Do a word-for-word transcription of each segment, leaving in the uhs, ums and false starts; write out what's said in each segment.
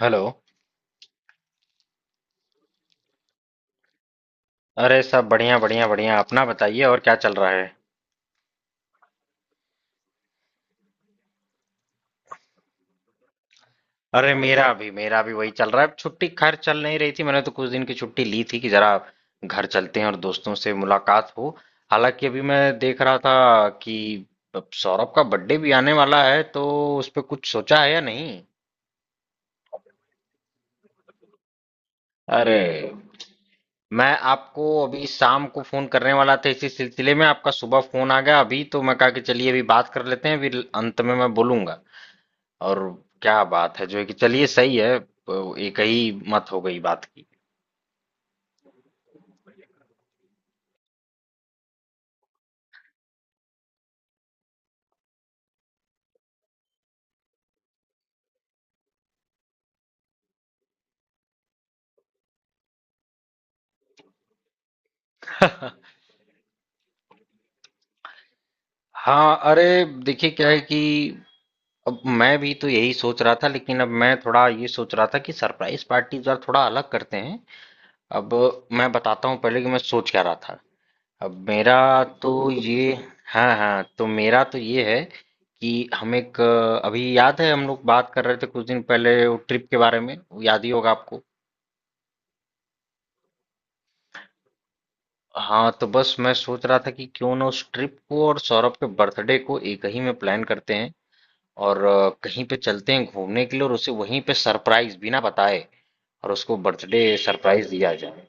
Hello. अरे सब बढ़िया बढ़िया बढ़िया, अपना बताइए, और क्या चल रहा है? अरे मेरा भी मेरा भी वही चल रहा है। अब छुट्टी खैर चल नहीं रही थी, मैंने तो कुछ दिन की छुट्टी ली थी कि जरा घर चलते हैं और दोस्तों से मुलाकात हो। हालांकि अभी मैं देख रहा था कि अब सौरभ का बर्थडे भी आने वाला है, तो उस पे कुछ सोचा है या नहीं? अरे मैं आपको अभी शाम को फोन करने वाला था इसी सिलसिले में, आपका सुबह फोन आ गया। अभी तो मैं कहा कि चलिए अभी बात कर लेते हैं, फिर अंत में मैं बोलूंगा। और क्या बात है जो है कि चलिए सही है, तो एक ही मत हो गई बात की। हाँ अरे, देखिए क्या है कि अब मैं भी तो यही सोच रहा था, लेकिन अब मैं थोड़ा ये सोच रहा था कि सरप्राइज पार्टी जरा थोड़ा अलग करते हैं। अब मैं बताता हूँ पहले कि मैं सोच क्या रहा था। अब मेरा तो ये हाँ हाँ, तो मेरा तो ये है कि हम एक, अभी याद है हम लोग बात कर रहे थे कुछ दिन पहले वो ट्रिप के बारे में, वो याद ही होगा आपको। हाँ तो बस मैं सोच रहा था कि क्यों ना उस ट्रिप को और सौरभ के बर्थडे को एक ही में प्लान करते हैं और अ, कहीं पे चलते हैं घूमने के लिए और उसे वहीं पे सरप्राइज बिना बताए, और उसको बर्थडे सरप्राइज दिया जाए।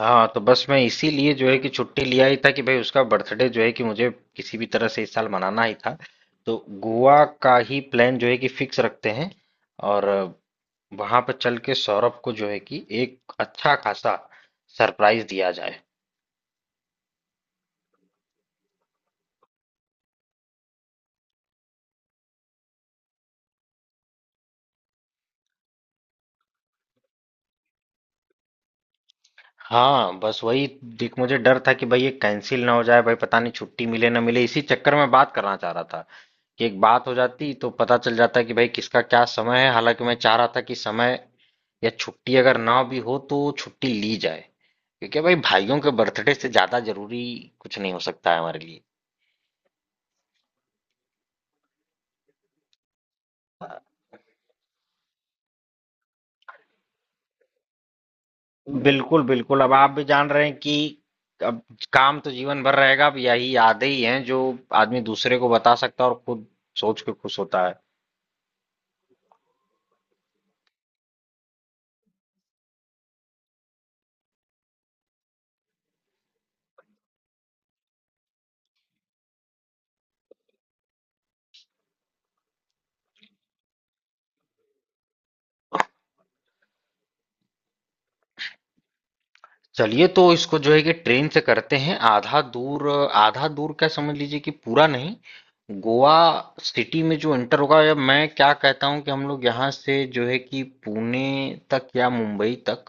हाँ तो बस मैं इसीलिए जो है कि छुट्टी लिया ही था कि भाई उसका बर्थडे जो है कि मुझे किसी भी तरह से इस साल मनाना ही था। तो गोवा का ही प्लान जो है कि फिक्स रखते हैं, और वहां पर चल के सौरभ को जो है कि एक अच्छा खासा सरप्राइज दिया जाए। हाँ बस वही, देख मुझे डर था कि भाई ये कैंसिल ना हो जाए, भाई पता नहीं छुट्टी मिले ना मिले, इसी चक्कर में बात करना चाह रहा था कि एक बात हो जाती तो पता चल जाता कि भाई किसका क्या समय है। हालांकि मैं चाह रहा था कि समय या छुट्टी अगर ना भी हो तो छुट्टी ली जाए, क्योंकि भाई भाइयों के बर्थडे से ज्यादा जरूरी कुछ नहीं हो सकता है हमारे लिए। बिल्कुल बिल्कुल, अब आप भी जान रहे हैं कि अब काम तो जीवन भर रहेगा, अब यही यादें ही हैं जो आदमी दूसरे को बता सकता है और खुद सोच के खुश होता है। चलिए, तो इसको जो है कि ट्रेन से करते हैं आधा दूर। आधा दूर का समझ लीजिए कि पूरा नहीं, गोवा सिटी में जो इंटर होगा, या मैं क्या कहता हूँ कि हम लोग यहाँ से जो है कि पुणे तक या मुंबई तक,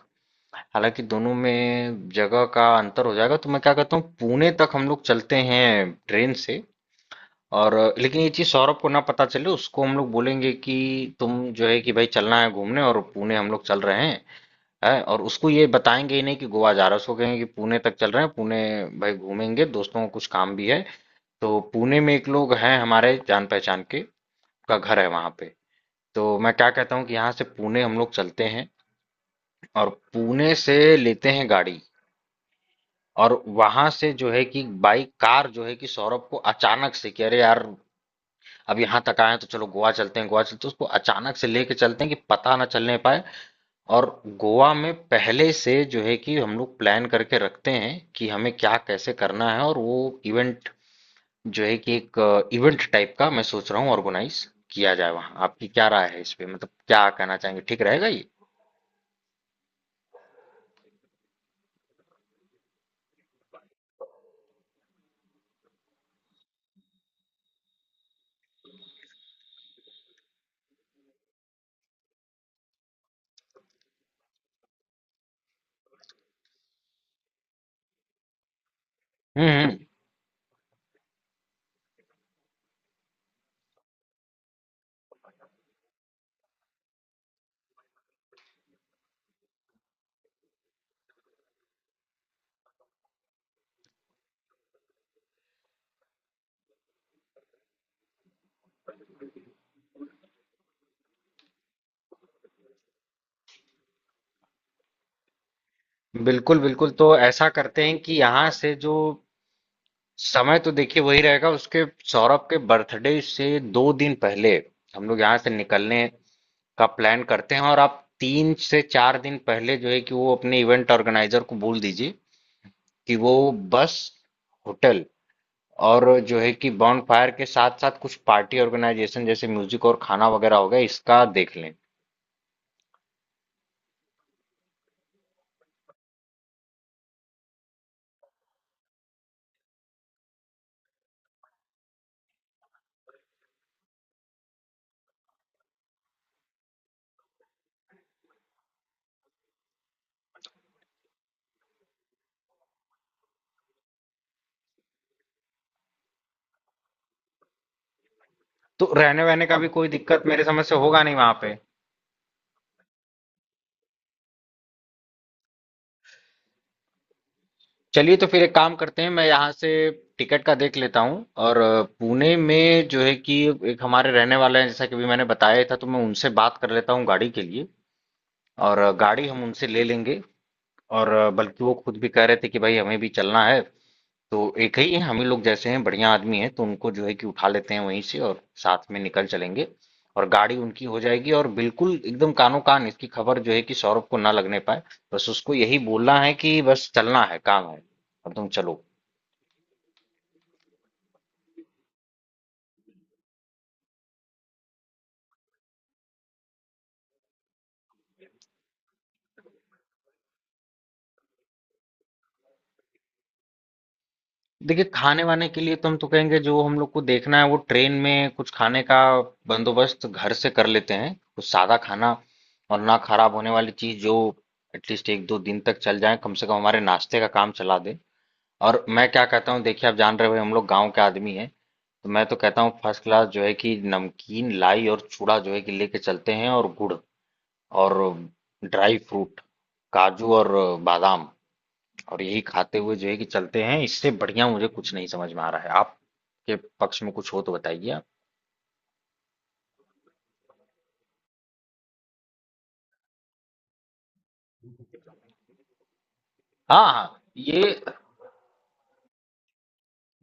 हालांकि दोनों में जगह का अंतर हो जाएगा, तो मैं क्या कहता हूँ पुणे तक हम लोग चलते हैं ट्रेन से। और लेकिन ये चीज़ सौरभ को ना पता चले, उसको हम लोग बोलेंगे कि तुम जो है कि भाई चलना है घूमने और पुणे हम लोग चल रहे हैं, है, और उसको ये बताएंगे ही नहीं कि गोवा जा रहा है। उसको कहेंगे कि पुणे तक चल रहे हैं, पुणे भाई घूमेंगे, दोस्तों को कुछ काम भी है। तो पुणे में एक लोग हैं हमारे जान पहचान के, का घर है वहां पे। तो मैं क्या कहता हूँ कि यहाँ से पुणे हम लोग चलते हैं, और पुणे से लेते हैं गाड़ी, और वहां से जो है कि बाई कार जो है कि सौरभ को अचानक से कि अरे यार अब यहाँ तक आए हैं तो चलो गोवा चलते हैं, गोवा चलते हैं, तो उसको अचानक से लेके चलते हैं कि पता ना चलने पाए। और गोवा में पहले से जो है कि हम लोग प्लान करके रखते हैं कि हमें क्या कैसे करना है, और वो इवेंट जो है कि एक इवेंट टाइप का मैं सोच रहा हूँ ऑर्गेनाइज किया जाए वहाँ। आपकी क्या राय है इस पे, मतलब क्या कहना चाहेंगे, ठीक रहेगा ये? हम्म हम्म, बिल्कुल बिल्कुल, तो ऐसा करते हैं कि यहाँ से जो समय तो देखिए वही रहेगा, उसके सौरभ के बर्थडे से दो दिन पहले हम लोग यहाँ से निकलने का प्लान करते हैं, और आप तीन से चार दिन पहले जो है कि वो अपने इवेंट ऑर्गेनाइजर को बोल दीजिए कि वो बस, होटल, और जो है कि बॉन फायर के साथ साथ कुछ पार्टी ऑर्गेनाइजेशन जैसे म्यूजिक और खाना वगैरह हो गया, इसका देख लें। तो रहने वहने का भी कोई दिक्कत मेरे समझ से होगा नहीं वहां पे। चलिए, तो फिर एक काम करते हैं, मैं यहाँ से टिकट का देख लेता हूँ, और अ, पुणे में जो है कि एक हमारे रहने वाले हैं, जैसा कि भी मैंने बताया था, तो मैं उनसे बात कर लेता हूँ गाड़ी के लिए, और अ, गाड़ी हम उनसे ले लेंगे। और अ, बल्कि वो खुद भी कह रहे थे कि भाई हमें भी चलना है, तो एक ही है, हम ही लोग जैसे हैं बढ़िया आदमी हैं, तो उनको जो है कि उठा लेते हैं वहीं से और साथ में निकल चलेंगे। और गाड़ी उनकी हो जाएगी, और बिल्कुल एकदम कानो कान इसकी खबर जो है कि सौरभ को ना लगने पाए। बस उसको यही बोलना है कि बस चलना है, काम है, अब तुम चलो। देखिए खाने वाने के लिए तो हम तो कहेंगे, जो हम लोग को देखना है वो ट्रेन में कुछ खाने का बंदोबस्त घर से कर लेते हैं, कुछ सादा खाना और ना खराब होने वाली चीज जो एटलीस्ट एक दो दिन तक चल जाए, कम से कम हमारे नाश्ते का काम चला दे। और मैं क्या कहता हूँ, देखिए आप जान रहे हो हम लोग गांव के आदमी हैं, तो मैं तो कहता हूँ फर्स्ट क्लास जो है कि नमकीन लाई और चूड़ा जो है कि लेके चलते हैं, और गुड़, और ड्राई फ्रूट, काजू, और बादाम, और यही खाते हुए जो है कि चलते हैं। इससे बढ़िया मुझे कुछ नहीं समझ में आ रहा है, आपके पक्ष में कुछ हो तो बताइए आप। हाँ हाँ ये,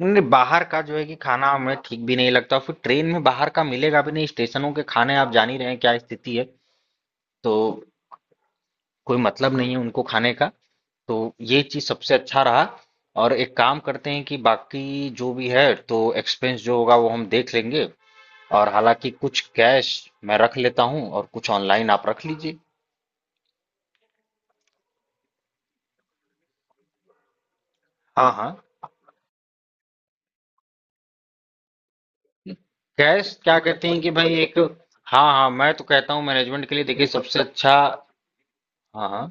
नहीं, बाहर का जो है कि खाना हमें ठीक भी नहीं लगता, फिर ट्रेन में बाहर का मिलेगा भी नहीं, स्टेशनों के खाने आप जान ही रहे हैं क्या स्थिति है। तो कोई मतलब नहीं है उनको खाने का। तो ये चीज सबसे अच्छा रहा। और एक काम करते हैं कि बाकी जो भी है तो एक्सपेंस जो होगा वो हम देख लेंगे, और हालांकि कुछ कैश मैं रख लेता हूँ और कुछ ऑनलाइन आप रख लीजिए। हाँ हाँ, कैश क्या कहते हैं कि भाई एक, हाँ हाँ मैं तो कहता हूँ मैनेजमेंट के लिए देखिए सबसे अच्छा, हाँ हाँ,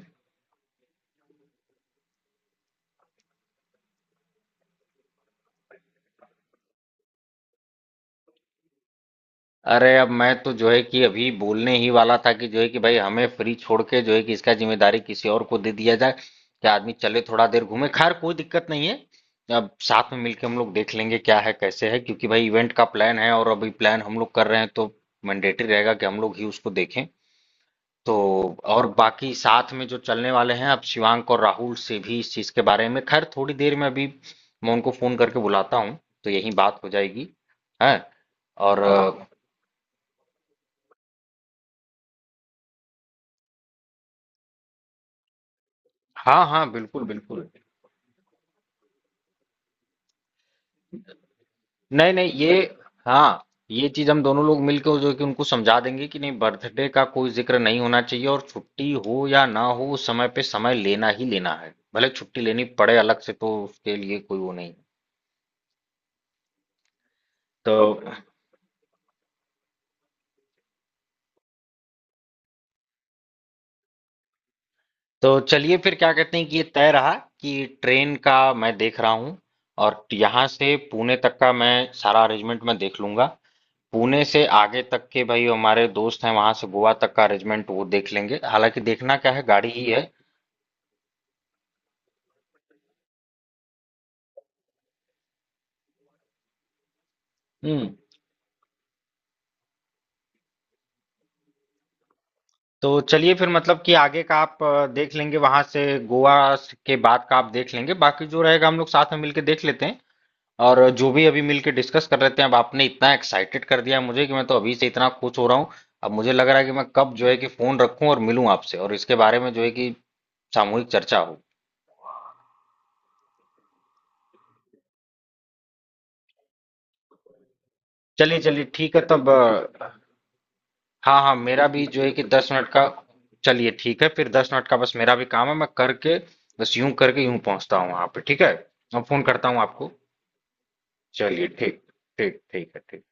अरे अब मैं तो जो है कि अभी बोलने ही वाला था कि जो है कि भाई हमें फ्री छोड़ के जो है कि इसका जिम्मेदारी किसी और को दे दिया जाए कि आदमी चले, थोड़ा देर घूमे, खैर कोई दिक्कत नहीं है। अब साथ में मिलके हम लोग देख लेंगे क्या है कैसे है, क्योंकि भाई इवेंट का प्लान है और अभी प्लान हम लोग कर रहे हैं, तो मैंडेटरी रहेगा कि हम लोग ही उसको देखें। तो, और बाकी साथ में जो चलने वाले हैं, अब शिवांक और राहुल से भी इस चीज के बारे में, खैर थोड़ी देर में अभी मैं उनको फोन करके बुलाता हूँ, तो यही बात हो जाएगी, है। और अ, हाँ हाँ बिल्कुल बिल्कुल। नहीं नहीं ये, हाँ ये चीज हम दोनों लोग मिलकर जो है कि उनको समझा देंगे कि नहीं, बर्थडे का कोई जिक्र नहीं होना चाहिए, और छुट्टी हो या ना हो समय पे समय लेना ही लेना है, भले छुट्टी लेनी पड़े अलग से, तो उसके लिए कोई वो नहीं। तो तो चलिए फिर क्या कहते हैं कि ये तय रहा कि ट्रेन का मैं देख रहा हूँ, और यहाँ से पुणे तक का मैं सारा अरेंजमेंट मैं देख लूंगा। पुणे से आगे तक के भाई हमारे दोस्त हैं, वहां से गोवा तक का अरेंजमेंट वो देख लेंगे, हालांकि देखना क्या है, गाड़ी ही है। हम्म तो चलिए फिर, मतलब कि आगे का आप अ, देख लेंगे, वहां से गोवा के बाद का आप देख लेंगे, बाकी जो रहेगा हम लोग साथ में मिलके देख लेते हैं, और जो भी अभी मिलके डिस्कस कर लेते हैं। अब आपने इतना एक्साइटेड कर दिया मुझे कि मैं तो अभी से इतना खुश हो रहा हूँ। अब मुझे लग रहा है कि मैं कब जो है कि फोन रखूं और मिलूं आपसे और इसके बारे में जो है कि सामूहिक चर्चा हो। चलिए चलिए ठीक है, तब अ, हाँ हाँ मेरा भी जो है कि दस मिनट का, चलिए ठीक है फिर, दस मिनट का बस मेरा भी काम है, मैं करके बस यूं करके यूं पहुंचता हूँ वहां पे, ठीक है? मैं फोन करता हूँ आपको। चलिए ठीक, ठीक ठीक है, ठीक।